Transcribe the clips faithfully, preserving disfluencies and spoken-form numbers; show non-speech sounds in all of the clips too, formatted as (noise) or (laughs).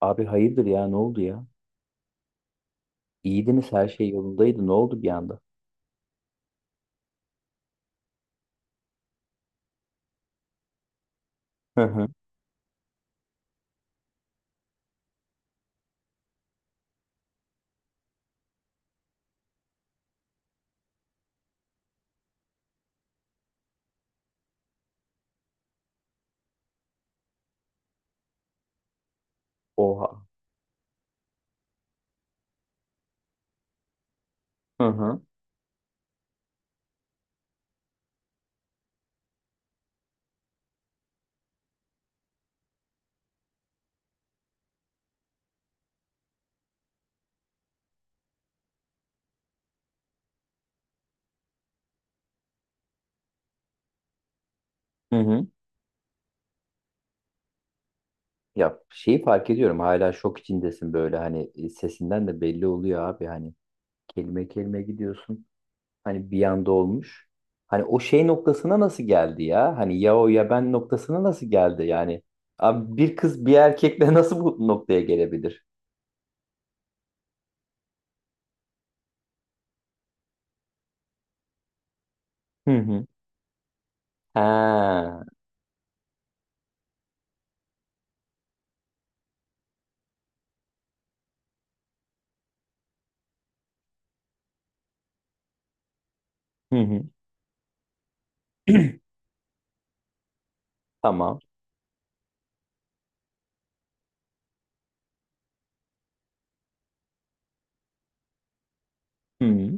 Abi, hayırdır ya, ne oldu ya? İyiydiniz, her şey yolundaydı, ne oldu bir anda? Hı hı. Oha. Hı hı. Hı hı. Ya şeyi fark ediyorum, hala şok içindesin böyle, hani e, sesinden de belli oluyor abi, hani kelime kelime gidiyorsun. Hani bir anda olmuş. Hani o şey noktasına nasıl geldi ya? Hani ya o ya ben noktasına nasıl geldi yani? Abi, bir kız bir erkekle (laughs) nasıl bu noktaya gelebilir? Hı hı. Ha. Hı hı. (clears throat) Tamam. Hı hı.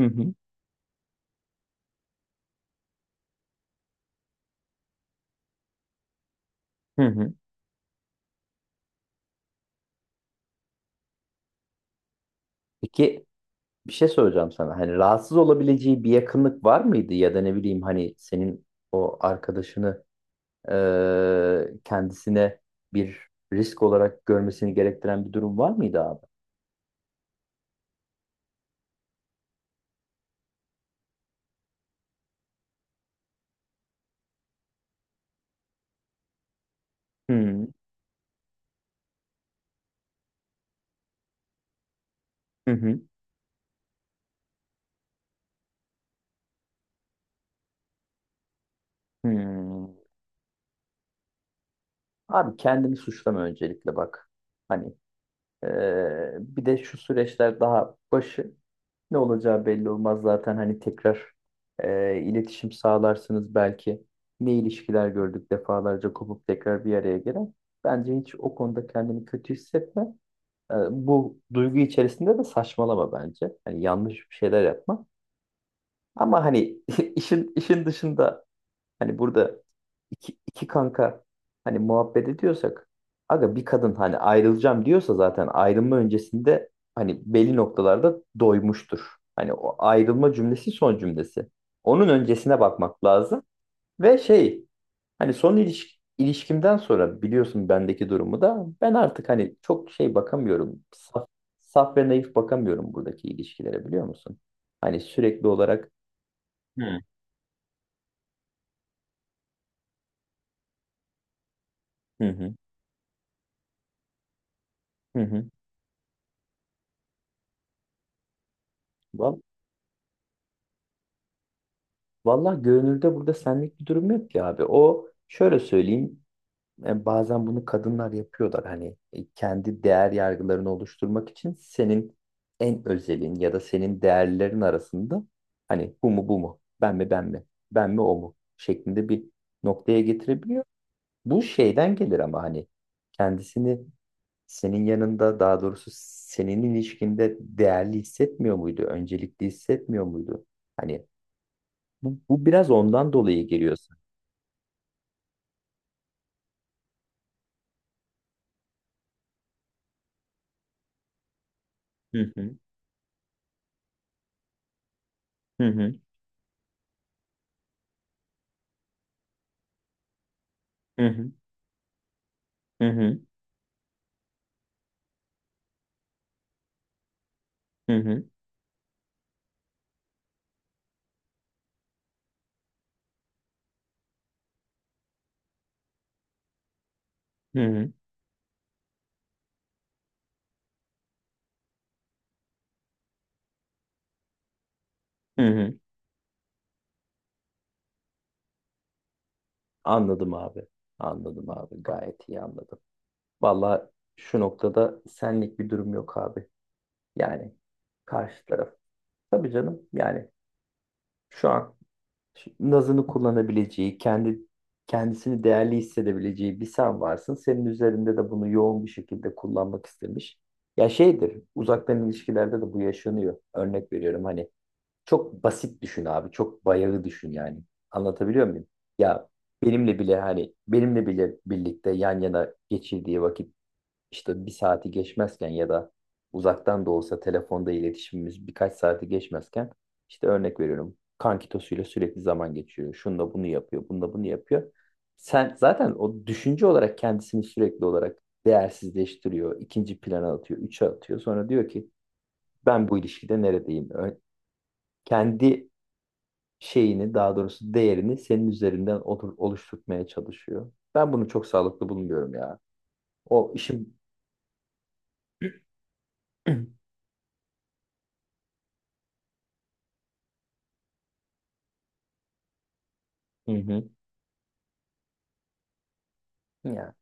Hı hı. Hı hı. Peki, bir şey söyleyeceğim sana. Hani rahatsız olabileceği bir yakınlık var mıydı, ya da ne bileyim, hani senin o arkadaşını eee, kendisine bir risk olarak görmesini gerektiren bir durum var mıydı abi? Hmm. Hı hı. Hmm. Abi, kendini suçlama öncelikle, bak. Hani eee, bir de şu süreçler daha başı. Ne olacağı belli olmaz zaten, hani tekrar e, iletişim sağlarsınız belki. Ne ilişkiler gördük defalarca kopup tekrar bir araya gelen. Bence hiç o konuda kendini kötü hissetme. E, bu duygu içerisinde de saçmalama bence. Hani yanlış bir şeyler yapma. Ama hani (laughs) işin işin dışında. Hani burada iki, iki kanka hani muhabbet ediyorsak, aga, bir kadın hani ayrılacağım diyorsa, zaten ayrılma öncesinde hani belli noktalarda doymuştur. Hani o ayrılma cümlesi son cümlesi. Onun öncesine bakmak lazım. Ve şey, hani son iliş- ilişkimden sonra biliyorsun, bendeki durumu da ben artık hani çok şey bakamıyorum. Saf, saf ve naif bakamıyorum buradaki ilişkilere, biliyor musun? Hani sürekli olarak. Hı. Hı hı, hı. Vallahi Vallahi, görünürde burada senlik bir durum yok ki abi. O şöyle söyleyeyim. e, Bazen bunu kadınlar yapıyorlar. Hani e, kendi değer yargılarını oluşturmak için senin en özelin ya da senin değerlerin arasında, hani bu mu bu mu? Ben mi ben mi? Ben mi o mu şeklinde bir noktaya getirebiliyor. Bu şeyden gelir ama hani kendisini senin yanında, daha doğrusu senin ilişkinde değerli hissetmiyor muydu? Öncelikli hissetmiyor muydu? Hani bu, bu biraz ondan dolayı geliyorsun. Hı hı. Hı hı. Hı hı. Hı hı. Hı hı. Hı hı. Hı hı. Anladım abi. Anladım abi, gayet iyi anladım. Valla şu noktada senlik bir durum yok abi. Yani karşı taraf. Tabii canım. Yani şu an şu- nazını kullanabileceği, kendi kendisini değerli hissedebileceği bir sen varsın. Senin üzerinde de bunu yoğun bir şekilde kullanmak istemiş. Ya şeydir, uzaktan ilişkilerde de bu yaşanıyor. Örnek veriyorum hani. Çok basit düşün abi. Çok bayağı düşün yani. Anlatabiliyor muyum? Ya, benimle bile hani benimle bile birlikte yan yana geçirdiği vakit işte bir saati geçmezken, ya da uzaktan da olsa telefonda iletişimimiz birkaç saati geçmezken, işte örnek veriyorum. Kankitosuyla sürekli zaman geçiriyor. Şununla bunu yapıyor. Bununla bunu yapıyor. Sen zaten o düşünce olarak kendisini sürekli olarak değersizleştiriyor, ikinci plana atıyor, üçe atıyor. Sonra diyor ki ben bu ilişkide neredeyim? Ö- Kendi şeyini, daha doğrusu değerini senin üzerinden otur- oluşturmaya çalışıyor. Ben bunu çok sağlıklı bulmuyorum ya. O işin. (clears throat) Hı hı. Ya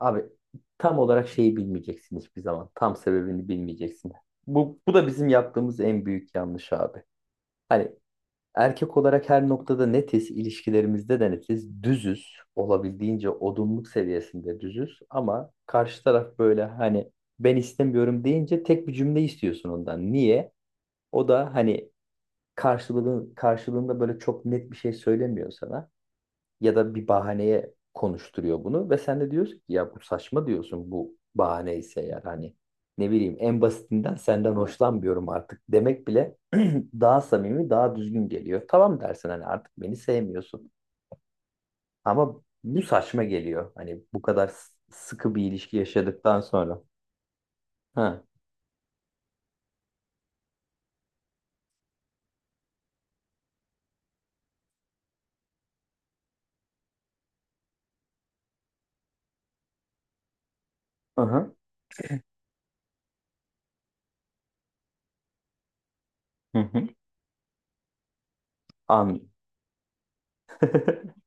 abi, tam olarak şeyi bilmeyeceksin hiçbir zaman. Tam sebebini bilmeyeceksin. Bu bu da bizim yaptığımız en büyük yanlış abi. Hani erkek olarak her noktada netiz, ilişkilerimizde de netiz, düzüz, olabildiğince odunluk seviyesinde düzüz, ama karşı taraf böyle hani ben istemiyorum deyince tek bir cümle istiyorsun ondan. Niye? O da hani karşılığın, karşılığında böyle çok net bir şey söylemiyor sana, ya da bir bahaneye konuşturuyor bunu, ve sen de diyorsun ki ya bu saçma, diyorsun bu bahane ise, yani hani ne bileyim en basitinden senden hoşlanmıyorum artık demek bile (clears throat) daha samimi, daha düzgün geliyor. Tamam dersin, hani artık beni sevmiyorsun, ama bu saçma geliyor hani bu kadar s- sıkı bir ilişki yaşadıktan sonra. Ha. Aha. Hı hı. An. (laughs)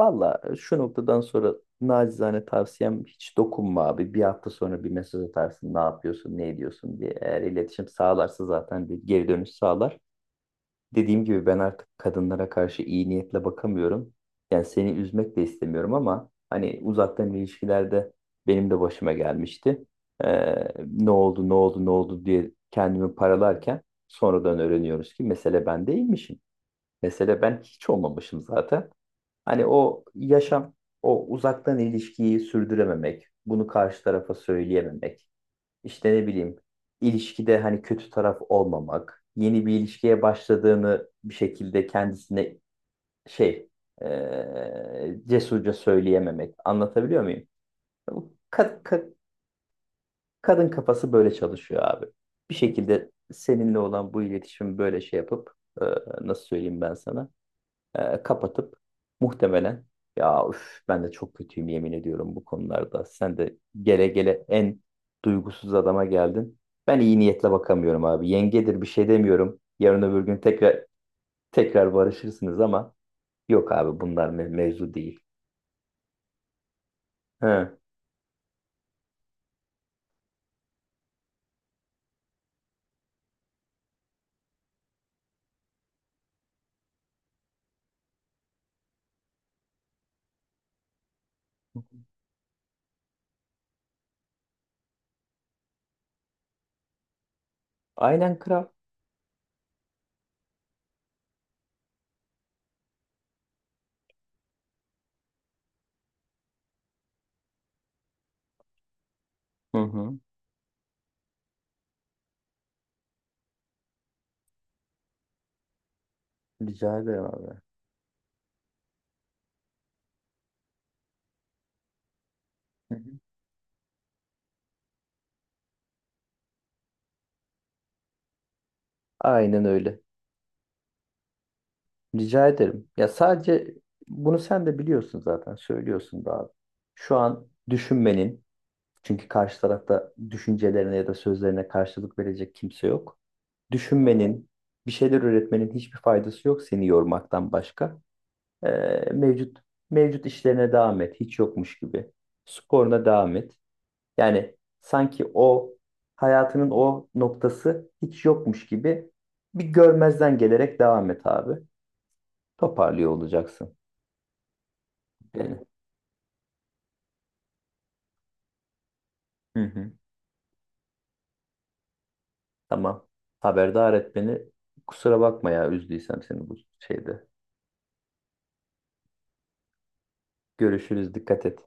Valla şu noktadan sonra nacizane tavsiyem, hiç dokunma abi. Bir hafta sonra bir mesaj atarsın, ne yapıyorsun ne ediyorsun diye. Eğer iletişim sağlarsa zaten bir geri dönüş sağlar. Dediğim gibi, ben artık kadınlara karşı iyi niyetle bakamıyorum. Yani seni üzmek de istemiyorum ama hani, uzaktan ilişkilerde benim de başıma gelmişti. Ee, ne oldu ne oldu ne oldu diye kendimi paralarken, sonradan öğreniyoruz ki mesele ben değilmişim. Mesele ben hiç olmamışım zaten. Hani o yaşam, o uzaktan ilişkiyi sürdürememek, bunu karşı tarafa söyleyememek, işte ne bileyim, ilişkide hani kötü taraf olmamak, yeni bir ilişkiye başladığını bir şekilde kendisine şey eee, cesurca söyleyememek. Anlatabiliyor muyum? Bu ka- ka- kadın kafası böyle çalışıyor abi. Bir şekilde seninle olan bu iletişim böyle şey yapıp eee, nasıl söyleyeyim ben sana? E, kapatıp muhtemelen, ya üf, ben de çok kötüyüm, yemin ediyorum bu konularda. Sen de gele gele en duygusuz adama geldin. Ben iyi niyetle bakamıyorum abi. Yengedir bir şey demiyorum. Yarın öbür gün tekrar tekrar barışırsınız, ama yok abi, bunlar me- mevzu değil. He. Aynen kral. Hı hı. Rica ederim abi. Hı hı. Aynen öyle. Rica ederim. Ya sadece bunu sen de biliyorsun zaten, söylüyorsun da abi. Şu an düşünmenin. Çünkü karşı tarafta düşüncelerine ya da sözlerine karşılık verecek kimse yok. Düşünmenin, bir şeyler üretmenin hiçbir faydası yok seni yormaktan başka. Ee, mevcut mevcut işlerine devam et, hiç yokmuş gibi. Sporuna devam et. Yani sanki o hayatının o noktası hiç yokmuş gibi bir görmezden gelerek devam et abi. Toparlıyor olacaksın beni. Hı hı. Tamam. Haberdar et beni. Kusura bakma ya, üzdüysem seni bu şeyde. Görüşürüz. Dikkat et.